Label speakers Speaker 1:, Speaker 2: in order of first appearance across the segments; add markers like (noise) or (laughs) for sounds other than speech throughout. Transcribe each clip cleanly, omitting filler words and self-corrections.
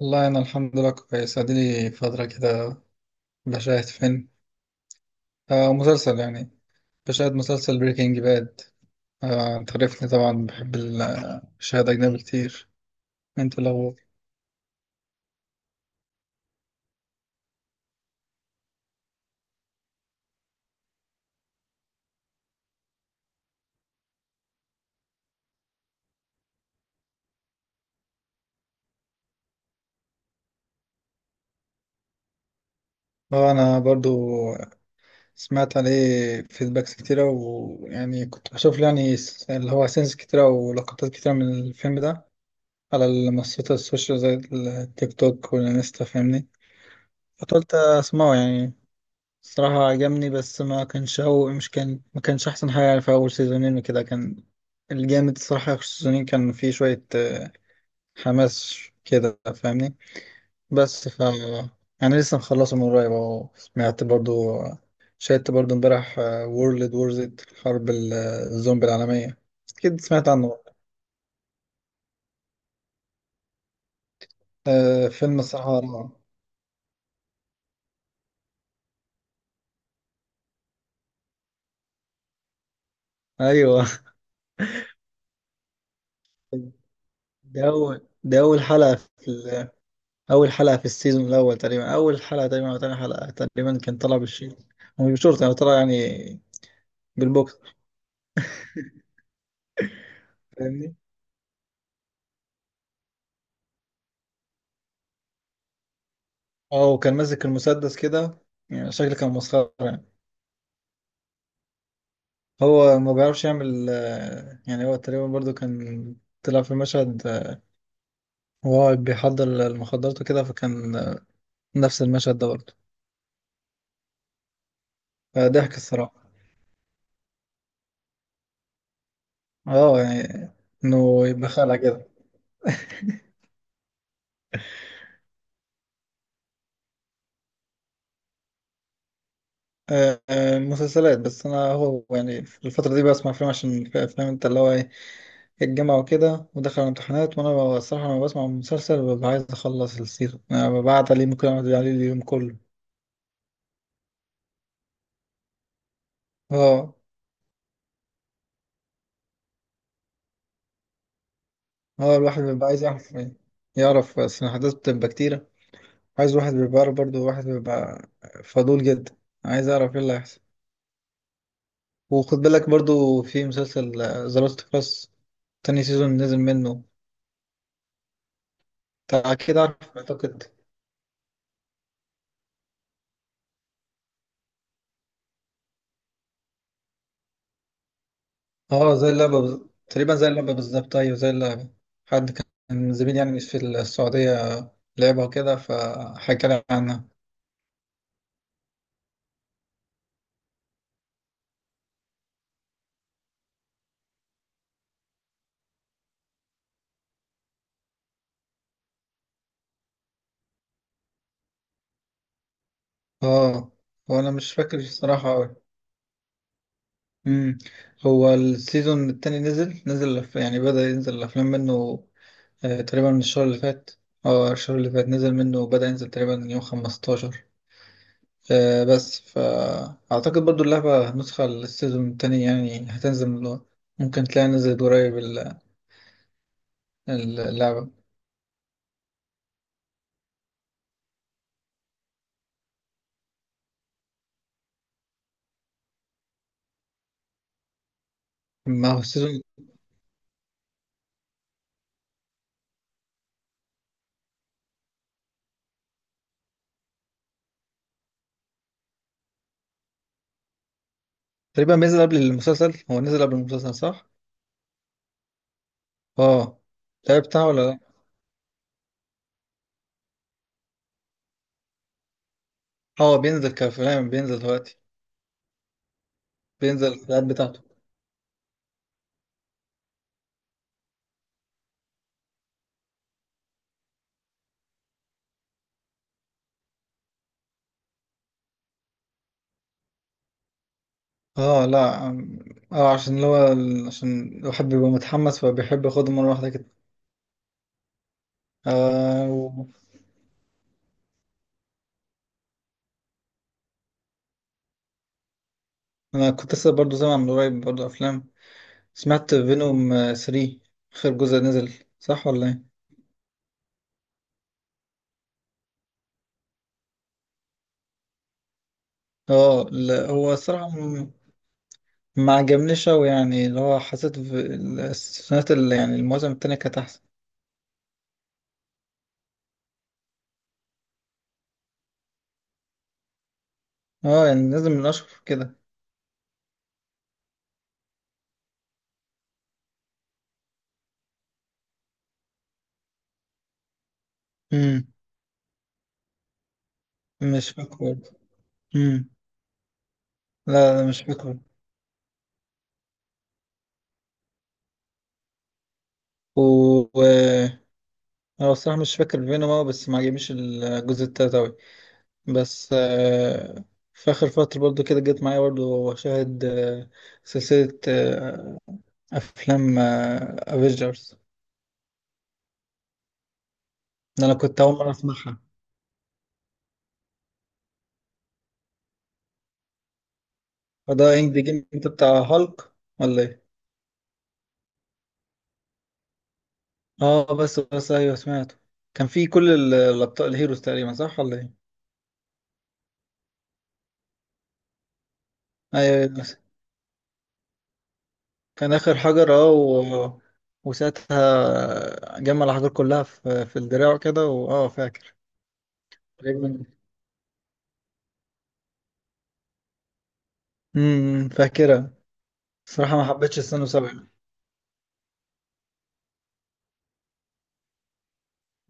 Speaker 1: والله أنا الحمد لله كويس، أديلي فترة كده بشاهد فيلم. مسلسل يعني. بشاهد مسلسل بريكنج باد. آه أنت عارفني طبعا بحب الشهادة أجنبي كتير. أنت الأول. آه أنا برضو سمعت عليه فيدباكس كتيرة، ويعني كنت بشوف له يعني اللي هو سينس كتيرة ولقطات كتيرة من الفيلم ده على المنصات السوشيال زي التيك توك والانستا، فاهمني؟ فقلت أسمعه يعني. الصراحة عجبني، بس ما كانش أول، مش كان ما كانش أحسن حاجة يعني في أول سيزونين وكده، كان الجامد الصراحة في آخر سيزونين، كان فيه شوية حماس كده، فاهمني؟ بس ف، أنا لسه مخلصه من قريب أهو، سمعت برضو، شاهدت برضو امبارح وورلد وور زد، حرب الزومبي العالمية. أكيد سمعت عنه. فيلم الصراحة رائع. أيوه (laughs) ده أول حلقة في، اول حلقه في السيزون الاول تقريبا، اول حلقه تقريبا او تاني حلقه تقريبا، كان طلع بالشيء، هو مش بالشورت يعني، طلع يعني بالبوكس، فاهمني؟ اه وكان ماسك المسدس كده، يعني شكله كان مسخره يعني، هو ما بيعرفش يعمل يعني هو تقريبا برضو كان طلع في مشهد وهو بيحضر المخدرات وكده، فكان نفس المشهد ده برضو. فضحك الصراحه. اه يعني انه يبقى خالع كده. مسلسلات. بس انا هو يعني في الفتره دي بسمع افلام، عشان في افلام، انت اللي هو الجامعة وكده ودخل على الامتحانات. وأنا الصراحة لما بسمع المسلسل ببقى عايز أخلص السيزون، أنا ببعت عليه، ممكن أقعد عليه اليوم كله. اه، اه الواحد بيبقى عايز يعرف يعرف بس الأحداث بتبقى كتيرة، عايز الواحد بيبقى عارف برضه، الواحد بيبقى فضول جدا، عايز أعرف إيه اللي هيحصل. وخد بالك برضه في مسلسل ذا لاست اوف اس، تاني سيزون نزل منه. أنت أكيد عارف أعتقد. اه زي اللعبة تقريبا زي اللعبة بالظبط، أيوة زي اللعبة. حد كان من زميلي يعني في السعودية لعبها وكده، فحكى لي عنها. اه، هو أنا مش فاكر الصراحة أوي. أمم، هو السيزون التاني نزل، يعني بدأ ينزل الأفلام منه تقريبا من الشهر اللي فات. اه الشهر اللي فات نزل منه، بدأ ينزل تقريبا يوم خمستاشر. آه بس فأعتقد برضو اللعبة نسخة للسيزون التاني يعني هتنزل ممكن تلاقيها نزلت قريب اللعبة. ما هو السيزون تقريبا بينزل قبل المسلسل، هو نزل قبل المسلسل صح؟ اه الحلقة بتاعه ولا لا؟ اه بينزل كفيلم، بينزل دلوقتي، بينزل الحلقات بتاعته. اه لا اه عشان اللي هو عشان الواحد بيبقى متحمس، فبيحب ياخده مرة واحدة كده. آه و... انا كنت لسه برضه سامع من قريب برضه افلام. سمعت فينوم 3، اخر جزء نزل، صح ولا ايه؟ اه لا، هو الصراحة ما عجبنيش أوي يعني، اللي هو حسيت في السنوات اللي يعني المواسم التانية كانت أحسن. اه يعني نازل من اشهر كده. امم، مش فاكر برضه. امم، لا لا مش فاكر. و و- انا الصراحه مش فاكر فينوم أوي، بس ما عجبنيش الجزء التالت اوي. بس في اخر فتره برضو كده جت معايا برضو شاهد سلسله افلام افيجرز. ده انا كنت اول مره اسمعها. فده اند جيم انت بتاع هالك ولا ايه؟ اه بس بس ايوه سمعته، كان في كل الابطال الهيروز تقريبا، صح ولا ايه؟ ايوه أيوة. كان آخر حجر، وساعتها جمع الأحجار كلها في، في الدراع كده، واه فاكر. تقريبا. امم، فاكرها. الصراحة ما حبيتش السنة سبعة.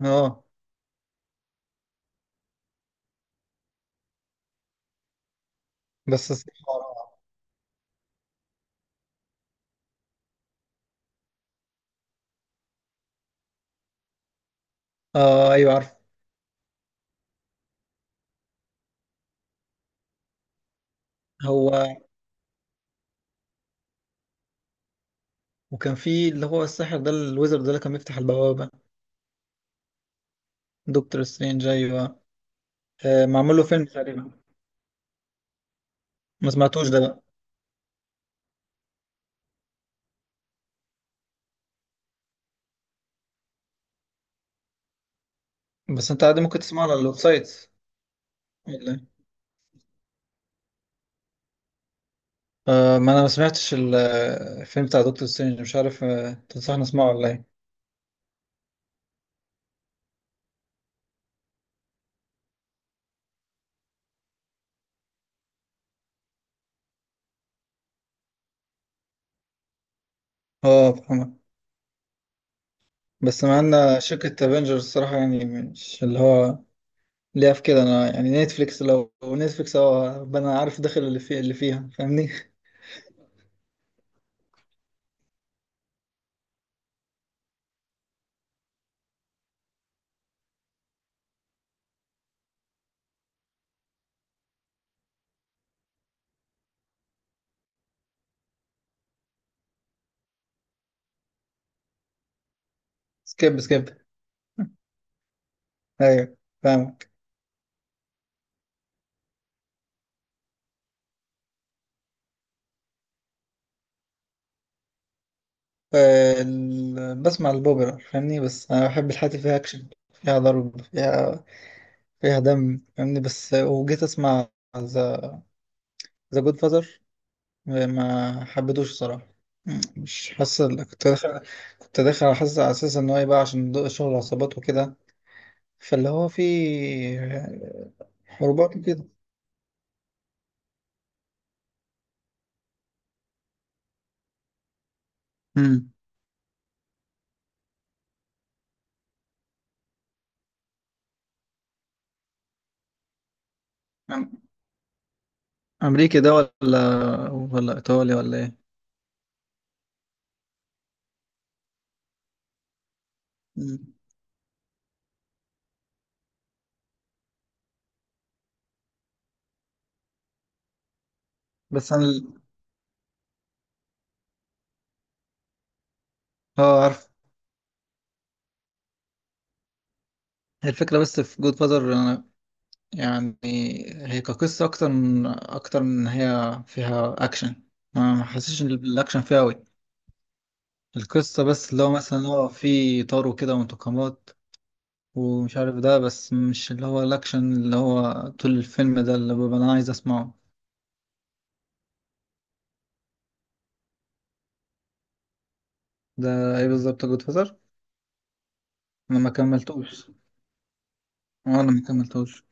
Speaker 1: اه بس الصراحة، اه ايوه عارف هو. وكان في اللي هو الساحر ده، الويزرد ده اللي كان بيفتح البوابة. دكتور سترينج ايوه. آه معمول له فيلم تقريبا. ما سمعتوش ده بقى؟ بس انت عادي ممكن تسمعه على الويب سايت ولا إيه؟ آه ما انا ما سمعتش الفيلم بتاع دكتور سترينج، مش عارف آه، تنصحني اسمعه ولا ايه؟ اه فاهمك. بس مع ان شركة افنجرز الصراحة يعني مش اللي هو ليها في كده، انا يعني نتفليكس، لو نتفليكس هو انا عارف داخل اللي فيه اللي فيها، فاهمني؟ (laughs) سكيب سكيب، ايوه فاهمك. بسمع البوبرا، فاهمني؟ بس انا بحب الحاجات اللي فيها اكشن، فيها ضرب، فيها، فيها دم، فاهمني؟ بس وجيت اسمع ذا، ذا جود فازر، ما حبيتوش الصراحة. مم، مش حاسس كنت داخل، كنت داخل حاسس على اساس ان هو يبقى عشان ضوء شغل عصابات وكده، فاللي هو في حروبات وكده. امم، امريكي ده ولا ايطالي ولا ايه؟ مم. بس انا اه عارف. هي الفكرة بس في جود فازر أنا يعني، هي كقصة أكتر من إن هي فيها أكشن، ما ما حسيتش إن الأكشن فيها أوي، القصة بس، اللي هو مثلا هو في طار وكده وانتقامات، ومش عارف ده، بس مش اللي هو الأكشن اللي هو طول الفيلم ده اللي ببقى أنا عايز أسمعه. ده إيه بالظبط جود فازر. أنا ما كملتوش. وانا ما كملتوش،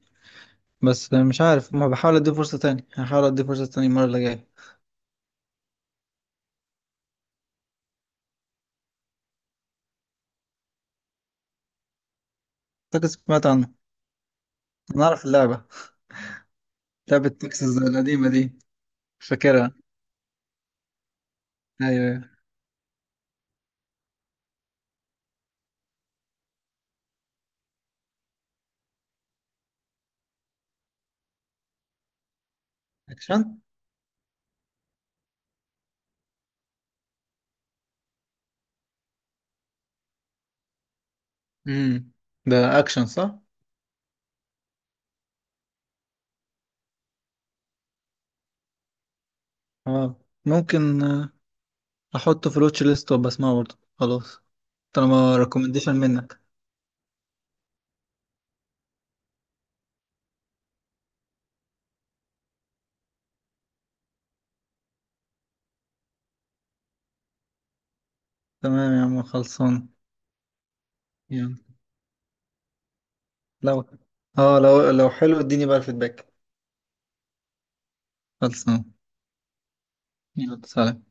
Speaker 1: بس مش عارف، ما بحاول ادي فرصة تاني يعني، هحاول ادي فرصة تاني المرة اللي جاية. اعتقد سمعت عنه. انا اعرف اللعبة، لعبة تكساس القديمة دي. مش فاكرها. ايوه أيوة. اكشن. امم، ده اكشن صح؟ اه ممكن احطه في الواتش ليست وابقى اسمعه برضه، خلاص طالما ريكومنديشن منك. تمام يا عم، خلصان. يلا. لو اه، لو حلو اديني بقى الفيدباك. خلصان، يلا سلام.